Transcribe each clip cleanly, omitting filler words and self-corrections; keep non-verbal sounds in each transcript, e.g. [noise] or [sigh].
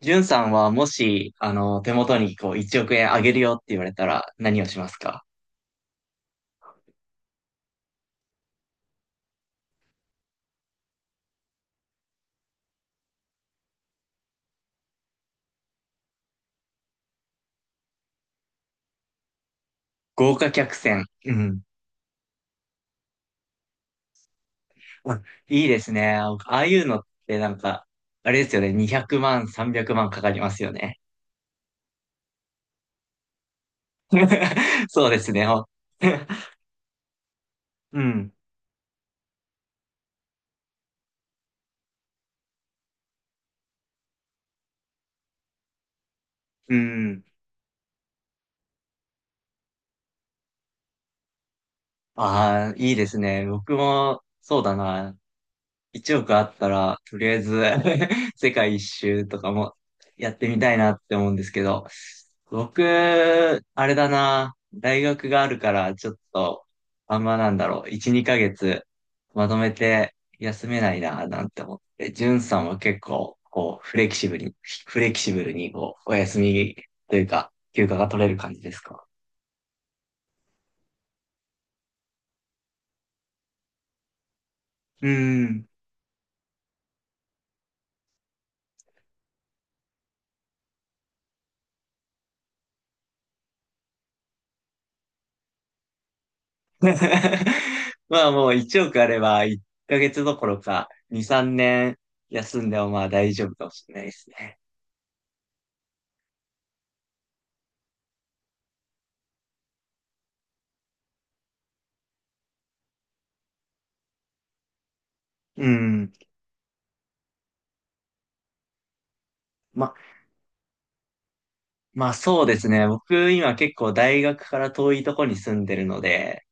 じゅんさんはもし、手元にこう1億円あげるよって言われたら何をしますか？豪華客船。うん。あ、いいですね。ああいうのってなんか、あれですよね。200万、300万かかりますよね。[laughs] そうですね。[laughs] うん、うん。ああ、いいですね。僕も、そうだな。1億あったら、とりあえず [laughs] 世界一周とかもやってみたいなって思うんですけど、僕、あれだな。大学があるから、ちょっと、あんまなんだろう。1、2ヶ月、まとめて休めないな、なんて思って。ジュンさんは結構、こう、フレキシブルに、こう、お休みというか、休暇が取れる感じですか？うん。[laughs] まあもう1億あれば1ヶ月どころか2、3年休んでもまあ大丈夫かもしれないですね。うん。ま、まあそうですね。僕今結構大学から遠いとこに住んでるので、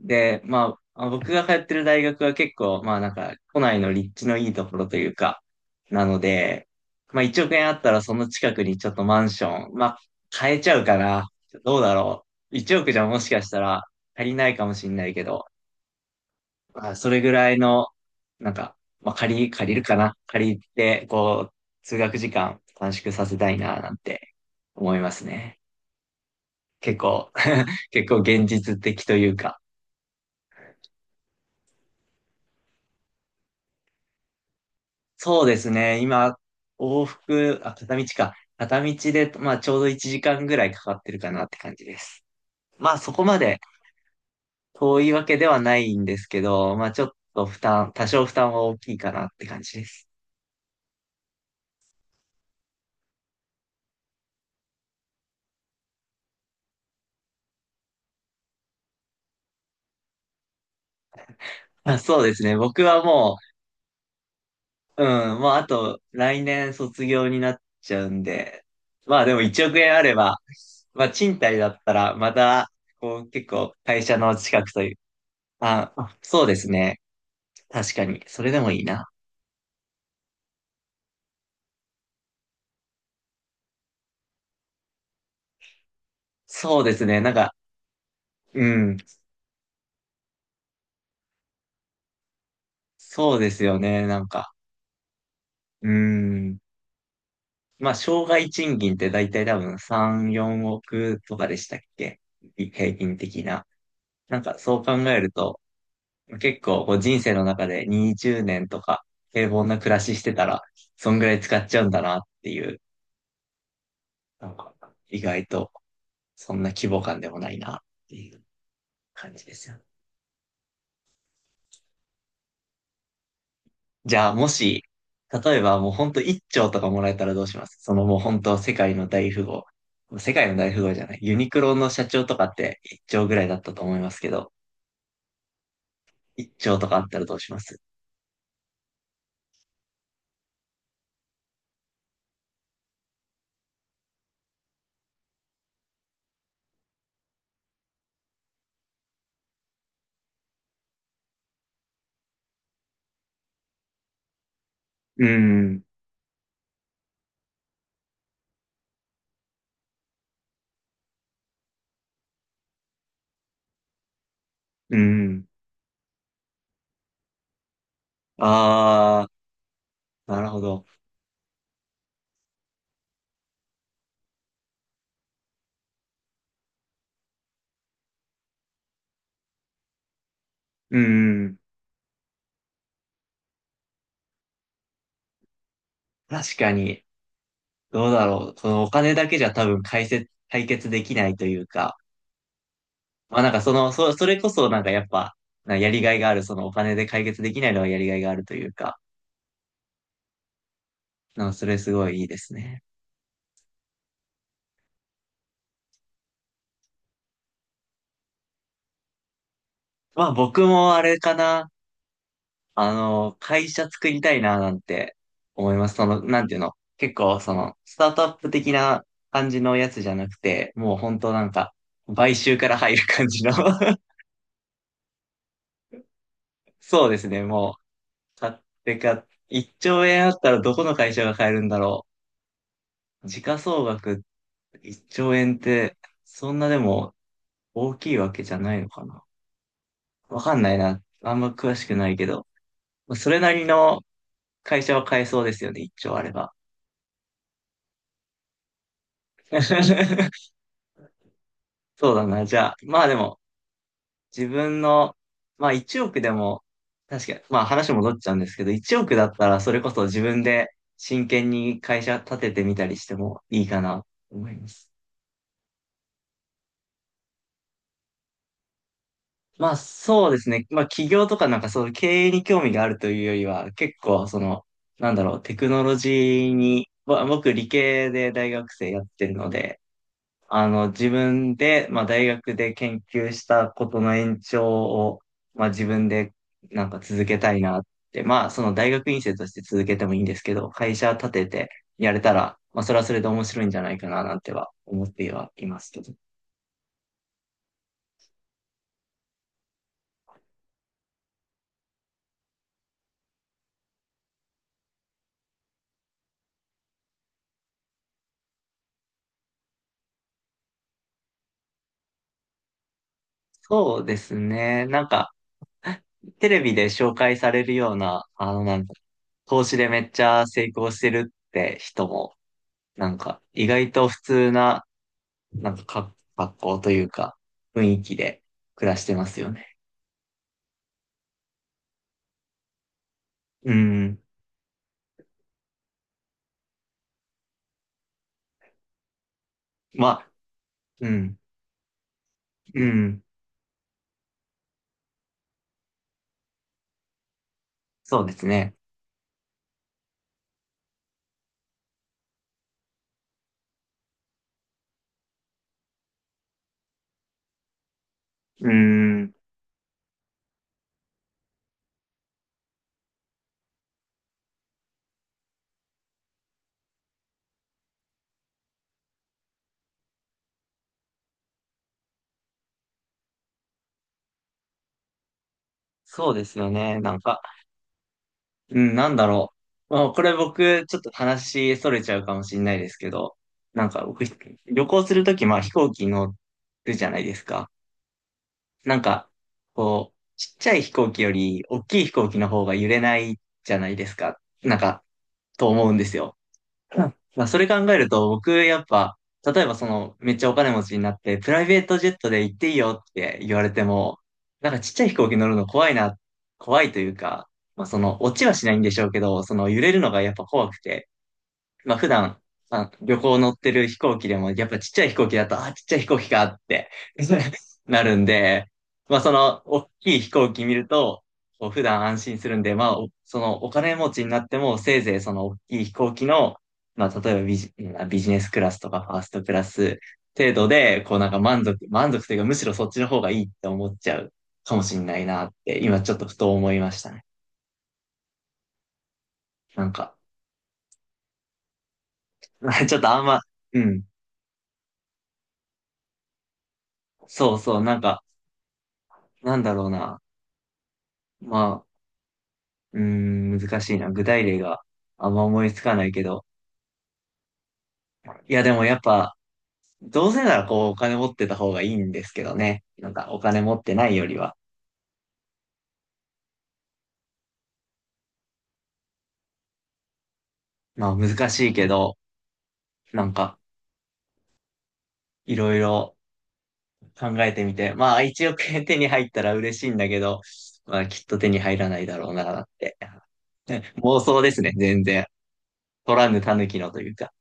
で、まあまあ僕が通ってる大学は結構まあなんか都内の立地のいいところというか、なので、まあ1億円あったらその近くにちょっとマンション、まあ買えちゃうかな。どうだろう。1億じゃもしかしたら足りないかもしれないけど、まあ、それぐらいの、なんか、まあ、借りるかな。借りて、こう、通学時間短縮させたいな、なんて思いますね。結構、[laughs] 結構現実的というか。そうですね。今、往復、あ、片道か。片道で、まあ、ちょうど1時間ぐらいかかってるかなって感じです。まあ、そこまで遠いわけではないんですけど、まあ、ちょっと負担、多少負担は大きいかなって感じです。あ、そうですね。僕はもう、うん、まあ、あと、来年卒業になっちゃうんで、まあでも1億円あれば、まあ賃貸だったら、また、こう結構会社の近くという、あ、そうですね。確かに、それでもいいな。そうですね、なんか、うん、そうですよね、なんか、うん。まあ、障害賃金って大体多分3、4億とかでしたっけ、平均的な？なんかそう考えると、結構こう人生の中で20年とか平凡な暮らししてたら、そんぐらい使っちゃうんだなっていう、なんか意外とそんな規模感でもないなっていう感じですよ。じゃあもし、例えばもうほんと1兆とかもらえたらどうします？その、もうほんと世界の大富豪。世界の大富豪じゃない。ユニクロの社長とかって1兆ぐらいだったと思いますけど、1兆とかあったらどうします？うーん、うーん。あー、なるほど。うーん。確かに、どうだろう。そのお金だけじゃ多分解決できないというか、まあなんかその、それこそなんかやっぱ、なんかやりがいがある、そのお金で解決できないのはやりがいがあるというか、なんかそれすごいいいですね。まあ僕もあれかな、会社作りたいななんて思います。その、なんていうの、結構その、スタートアップ的な感じのやつじゃなくて、もう本当なんか、買収から入る感じの [laughs] そうですね、もう。買ってか、1兆円あったらどこの会社が買えるんだろう。時価総額1兆円って、そんなでも大きいわけじゃないのかな。わかんないな。あんま詳しくないけど。それなりの会社は買えそうですよね、1兆あれば。[laughs] そうだな。じゃあ、まあでも、自分の、まあ1億でも、確かに、まあ話戻っちゃうんですけど、1億だったらそれこそ自分で真剣に会社立ててみたりしてもいいかなと思います。まあそうですね。まあ企業とかなんかそういう経営に興味があるというよりは、結構その、なんだろう、テクノロジーに、僕理系で大学生やってるので、自分で、まあ大学で研究したことの延長を、まあ自分でなんか続けたいなって、まあその大学院生として続けてもいいんですけど、会社立ててやれたら、まあそれはそれで面白いんじゃないかななんては思ってはいますけど。そうですね。なんか、[laughs] テレビで紹介されるような、なんか、投資でめっちゃ成功してるって人も、なんか、意外と普通な、なんか、格好というか、雰囲気で暮らしてますよね。うん。まあ、うん、うん。そうですね。うん。そうですよね。なんか、うん、なんだろう。まあ、これ僕、ちょっと話、逸れちゃうかもしれないですけど、なんか僕、旅行するとき、まあ飛行機乗るじゃないですか。なんか、こう、ちっちゃい飛行機より大きい飛行機の方が揺れないじゃないですか。なんか、と思うんですよ。うんまあ、それ考えると、僕、やっぱ、例えばその、めっちゃお金持ちになって、プライベートジェットで行っていいよって言われても、なんかちっちゃい飛行機乗るの怖いな、怖いというか、まあその、落ちはしないんでしょうけど、その揺れるのがやっぱ怖くて、まあ普段、まあ、旅行乗ってる飛行機でも、やっぱちっちゃい飛行機だと、あ、ちっちゃい飛行機かって [laughs] なるんで、まあその、大きい飛行機見ると、こう普段安心するんで、まあ、そのお金持ちになっても、せいぜいその大きい飛行機の、まあ例えばまあビジネスクラスとかファーストクラス程度で、こうなんか満足というか、むしろそっちの方がいいって思っちゃうかもしれないなって、今ちょっとふと思いましたね。なんか、[laughs] ちょっとあんま、うん、そうそう、なんか、なんだろうな。まあ、うーん、難しいな。具体例があんま思いつかないけど。いや、でもやっぱ、どうせならこう、お金持ってた方がいいんですけどね。なんか、お金持ってないよりは。まあ、難しいけど、なんか、いろいろ考えてみて。まあ、一億円手に入ったら嬉しいんだけど、まあ、きっと手に入らないだろうな、って。[laughs] ね妄想ですね、全然。取らぬ狸のというか。